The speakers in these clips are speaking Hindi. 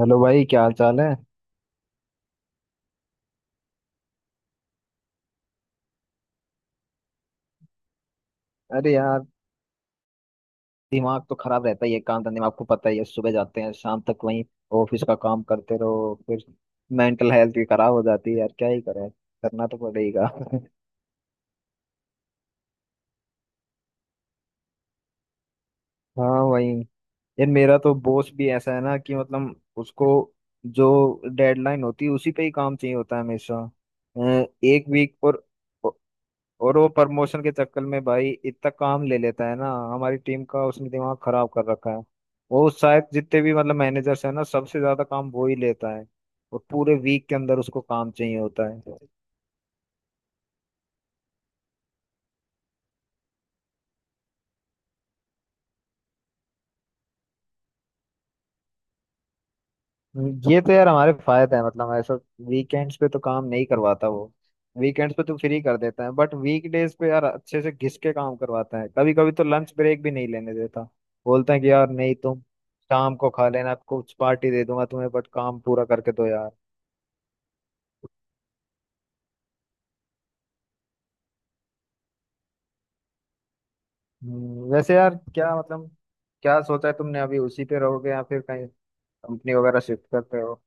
हेलो भाई, क्या हाल चाल है। अरे यार, दिमाग तो खराब रहता ही है। काम धंधे में आपको पता ही है, सुबह जाते हैं शाम तक वहीं ऑफिस का काम करते रहो। फिर मेंटल हेल्थ भी खराब हो जाती है यार, क्या ही करें, करना तो पड़ेगा। हाँ वही। यार, मेरा तो बॉस भी ऐसा है ना कि मतलब उसको जो डेडलाइन होती है उसी पे ही काम चाहिए होता है हमेशा। अ, एक वीक और वो प्रमोशन के चक्कर में भाई इतना काम ले लेता है ना, हमारी टीम का उसने दिमाग खराब कर रखा है। वो शायद जितने भी मतलब मैनेजर्स है ना, सबसे ज्यादा काम वो ही लेता है। और पूरे वीक के अंदर उसको काम चाहिए होता है। ये तो यार हमारे फायदा है मतलब, ऐसा वीकेंड्स पे तो काम नहीं करवाता वो। वीकेंड्स पे तो फ्री कर देता है, बट वीकडेज पे यार अच्छे से घिस के काम करवाता है। कभी कभी तो लंच ब्रेक भी नहीं लेने देता। बोलता है कि यार नहीं, तुम शाम को खा लेना, कुछ पार्टी दे दूंगा तुम्हें, बट काम पूरा करके दो यार। वैसे यार, क्या मतलब क्या सोचा है तुमने? अभी उसी पे रहोगे या फिर कहीं कंपनी वगैरह शिफ्ट करते हो?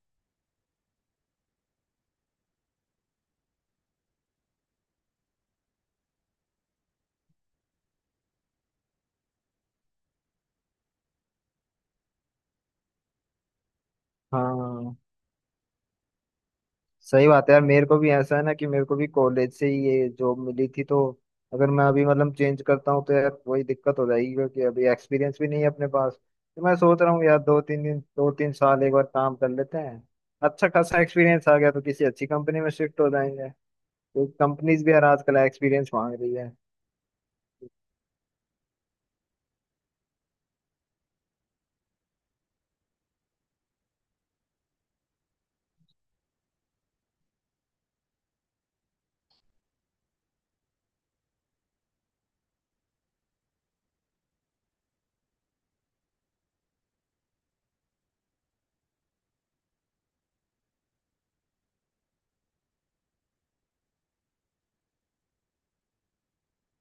हाँ सही बात है यार, मेरे को भी ऐसा है ना कि मेरे को भी कॉलेज से ही ये जॉब मिली थी, तो अगर मैं अभी मतलब चेंज करता हूँ तो यार वही दिक्कत हो जाएगी, क्योंकि अभी एक्सपीरियंस भी नहीं है अपने पास। तो मैं सोच रहा हूँ यार, दो तीन दिन दो तीन साल एक बार काम कर लेते हैं। अच्छा खासा एक्सपीरियंस आ गया तो किसी अच्छी कंपनी में शिफ्ट हो जाएंगे। क्योंकि कंपनीज भी यार आजकल एक्सपीरियंस मांग रही है।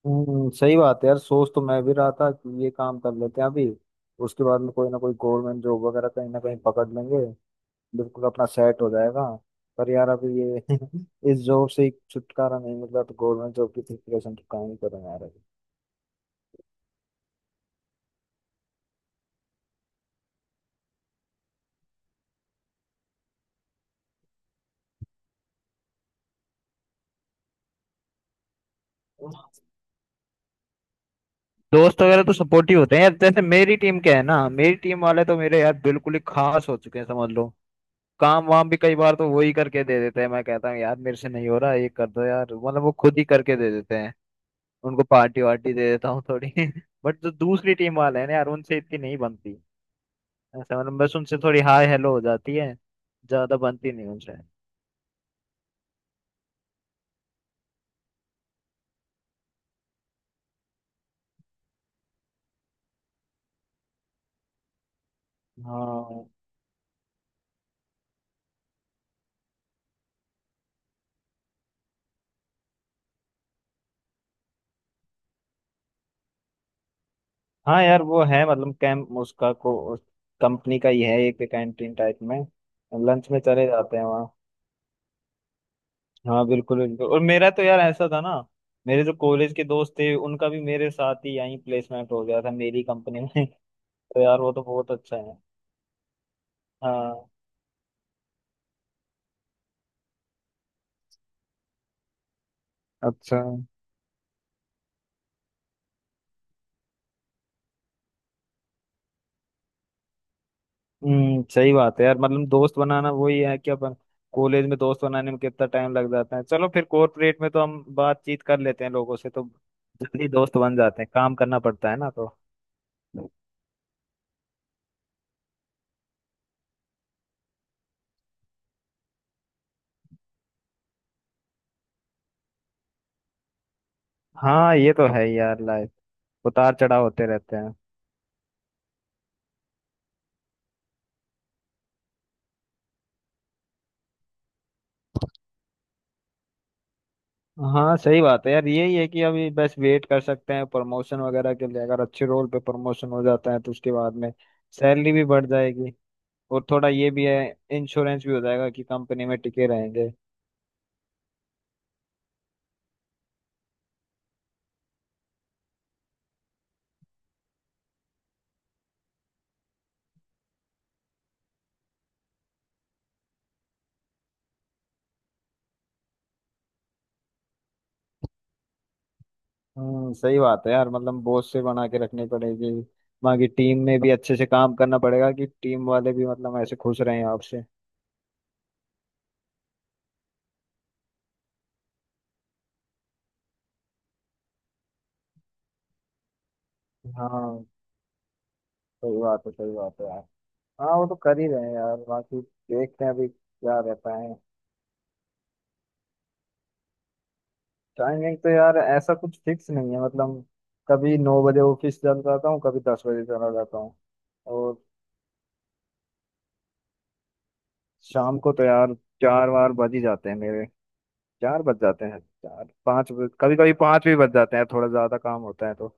सही बात है यार, सोच तो मैं भी रहा था कि ये काम कर लेते हैं अभी। उसके बाद में कोई ना कोई गवर्नमेंट जॉब वगैरह कहीं ना कहीं पकड़ लेंगे, बिल्कुल अपना सेट हो जाएगा। पर यार अभी ये इस जॉब से ही छुटकारा नहीं मिल रहा, तो गवर्नमेंट जॉब की प्रिपरेशन तो कहाँ ही करें यार अभी। दोस्त वगैरह तो सपोर्टिव होते हैं यार। जैसे मेरी टीम क्या है ना, मेरी टीम वाले तो मेरे यार बिल्कुल ही खास हो चुके हैं, समझ लो। काम वाम भी कई बार तो वो ही करके दे देते हैं। मैं कहता हूँ यार मेरे से नहीं हो रहा, ये कर दो यार, मतलब वो खुद ही करके दे देते हैं। उनको पार्टी वार्टी दे देता हूँ थोड़ी। बट जो दूसरी टीम वाले हैं ना यार, उनसे इतनी नहीं बनती। ऐसा मतलब, बस उनसे थोड़ी हाय हेलो हो जाती है, ज्यादा बनती नहीं उनसे। हाँ हाँ, यार वो है मतलब कैंप उसका को कंपनी का ही है, एक कैंटीन टाइप में। लंच में चले जाते हैं वहाँ। हाँ बिल्कुल बिल्कुल। और मेरा तो यार ऐसा था ना, मेरे जो कॉलेज के दोस्त थे उनका भी मेरे साथ ही यहीं प्लेसमेंट हो गया था, मेरी कंपनी में। तो यार वो तो बहुत अच्छा है। हाँ। अच्छा। सही बात है यार, मतलब दोस्त बनाना वही है कि अपन कॉलेज में दोस्त बनाने में कितना टाइम लग जाता है। चलो फिर कॉर्पोरेट में तो हम बातचीत कर लेते हैं लोगों से, तो जल्दी दोस्त बन जाते हैं, काम करना पड़ता है ना तो। हाँ, ये तो है ही यार, लाइफ उतार चढ़ाव होते रहते हैं। हाँ सही बात है यार, यही है कि अभी बस वेट कर सकते हैं प्रमोशन वगैरह के लिए। अगर अच्छे रोल पे प्रमोशन हो जाता है तो उसके बाद में सैलरी भी बढ़ जाएगी। और थोड़ा ये भी है, इंश्योरेंस भी हो जाएगा कि कंपनी में टिके रहेंगे। सही बात है यार, मतलब बोझ से बना के रखनी पड़ेगी। बाकी टीम में भी अच्छे से काम करना पड़ेगा कि टीम वाले भी मतलब ऐसे खुश रहें आपसे। हाँ सही बात है, सही बात है यार। हाँ वो तो कर ही रहे हैं यार, बाकी देखते हैं अभी क्या रहता है। टाइमिंग तो यार ऐसा कुछ फिक्स नहीं है मतलब, कभी नौ बजे ऑफिस चल जाता हूँ, कभी दस बजे चला जाता हूँ। और शाम को तो यार चार बार बज ही जाते हैं मेरे। चार बज जाते हैं, चार पाँच कभी कभी पाँच भी बज जाते हैं, थोड़ा ज्यादा काम होता है तो।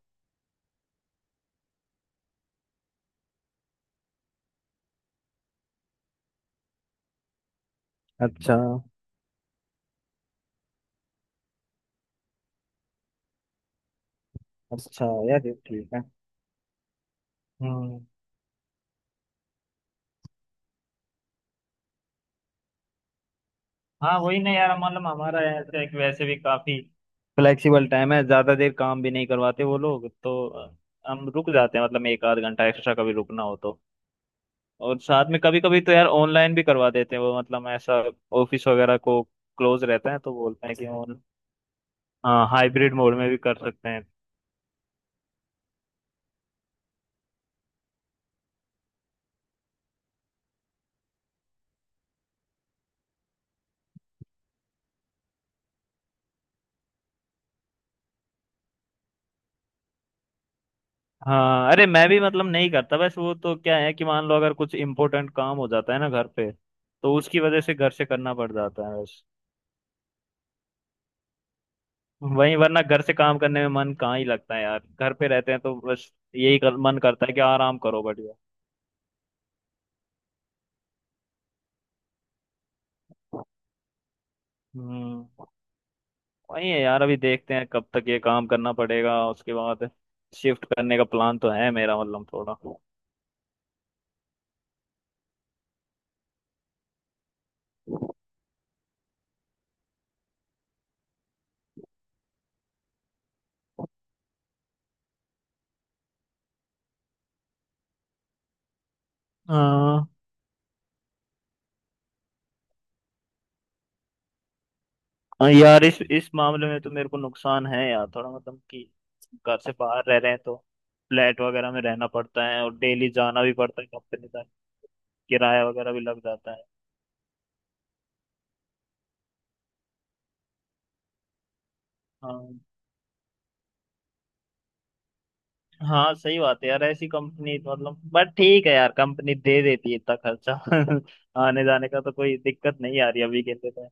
अच्छा अच्छा यार, ये ठीक है। हम्म। हाँ वही ना यार, मतलब हमारा ऐसे एक वैसे भी काफी फ्लेक्सिबल टाइम है, ज्यादा देर काम भी नहीं करवाते वो लोग। तो हम रुक जाते हैं मतलब एक आध घंटा एक्स्ट्रा कभी रुकना हो तो। और साथ में कभी कभी तो यार ऑनलाइन भी करवा देते हैं वो, मतलब ऐसा ऑफिस वगैरह को क्लोज रहता है तो बोलते हैं कि ऑन, हाँ हाइब्रिड मोड में भी कर सकते हैं। हाँ अरे, मैं भी मतलब नहीं करता, बस वो तो क्या है कि मान लो अगर कुछ इम्पोर्टेंट काम हो जाता है ना घर पे, तो उसकी वजह से घर से करना पड़ जाता है। वहीं, वरना घर से काम करने में मन कहाँ ही लगता है यार। घर पे रहते हैं तो बस यही मन करता है कि आराम करो, बढ़िया। हम्म वही है यार, अभी देखते हैं कब तक ये काम करना पड़ेगा, उसके बाद शिफ्ट करने का प्लान तो है मेरा, मतलब थोड़ा। हाँ हाँ यार, इस मामले में तो मेरे को नुकसान है यार, थोड़ा मतलब कि घर से बाहर रह रहे हैं, तो फ्लैट वगैरह में रहना पड़ता है, और डेली जाना भी पड़ता है कंपनी तक, किराया वगैरह भी लग जाता है। हाँ। हाँ सही बात है यार, ऐसी कंपनी मतलब, बट ठीक है यार, कंपनी दे देती है इतना खर्चा आने जाने का, तो कोई दिक्कत नहीं आ रही अभी के लिए तो।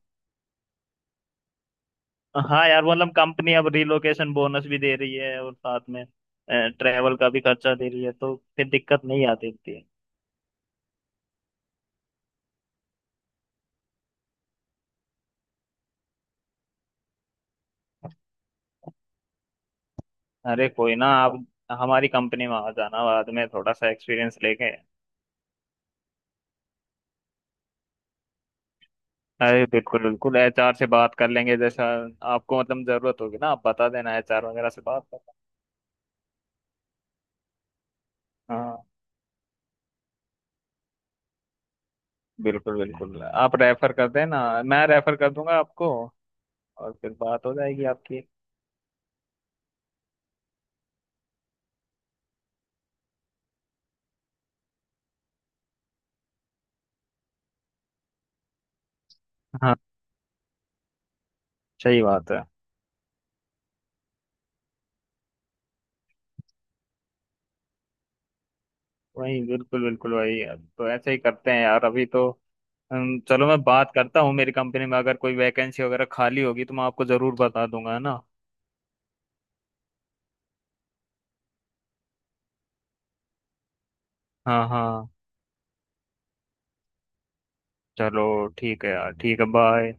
हाँ यार, मतलब कंपनी अब रिलोकेशन बोनस भी दे रही है, और साथ में ट्रेवल का भी खर्चा दे रही है, तो फिर दिक्कत नहीं आती इतनी। अरे कोई ना, आप हमारी कंपनी में आ जाना बाद में, थोड़ा सा एक्सपीरियंस लेके। अरे बिल्कुल बिल्कुल, एचआर से बात कर लेंगे। जैसा आपको मतलब जरूरत होगी ना, आप बता देना, एचआर वगैरह से बात कर, बिल्कुल बिल्कुल, आप रेफर कर देना, मैं रेफर कर दूंगा आपको, और फिर बात हो जाएगी आपकी। हाँ सही बात है। वही बिल्कुल बिल्कुल वही है। तो ऐसे ही करते हैं यार अभी तो। चलो मैं बात करता हूँ मेरी कंपनी में, अगर कोई वैकेंसी वगैरह खाली होगी तो मैं आपको जरूर बता दूंगा, है ना। हाँ हाँ। चलो ठीक है यार, ठीक है, बाय।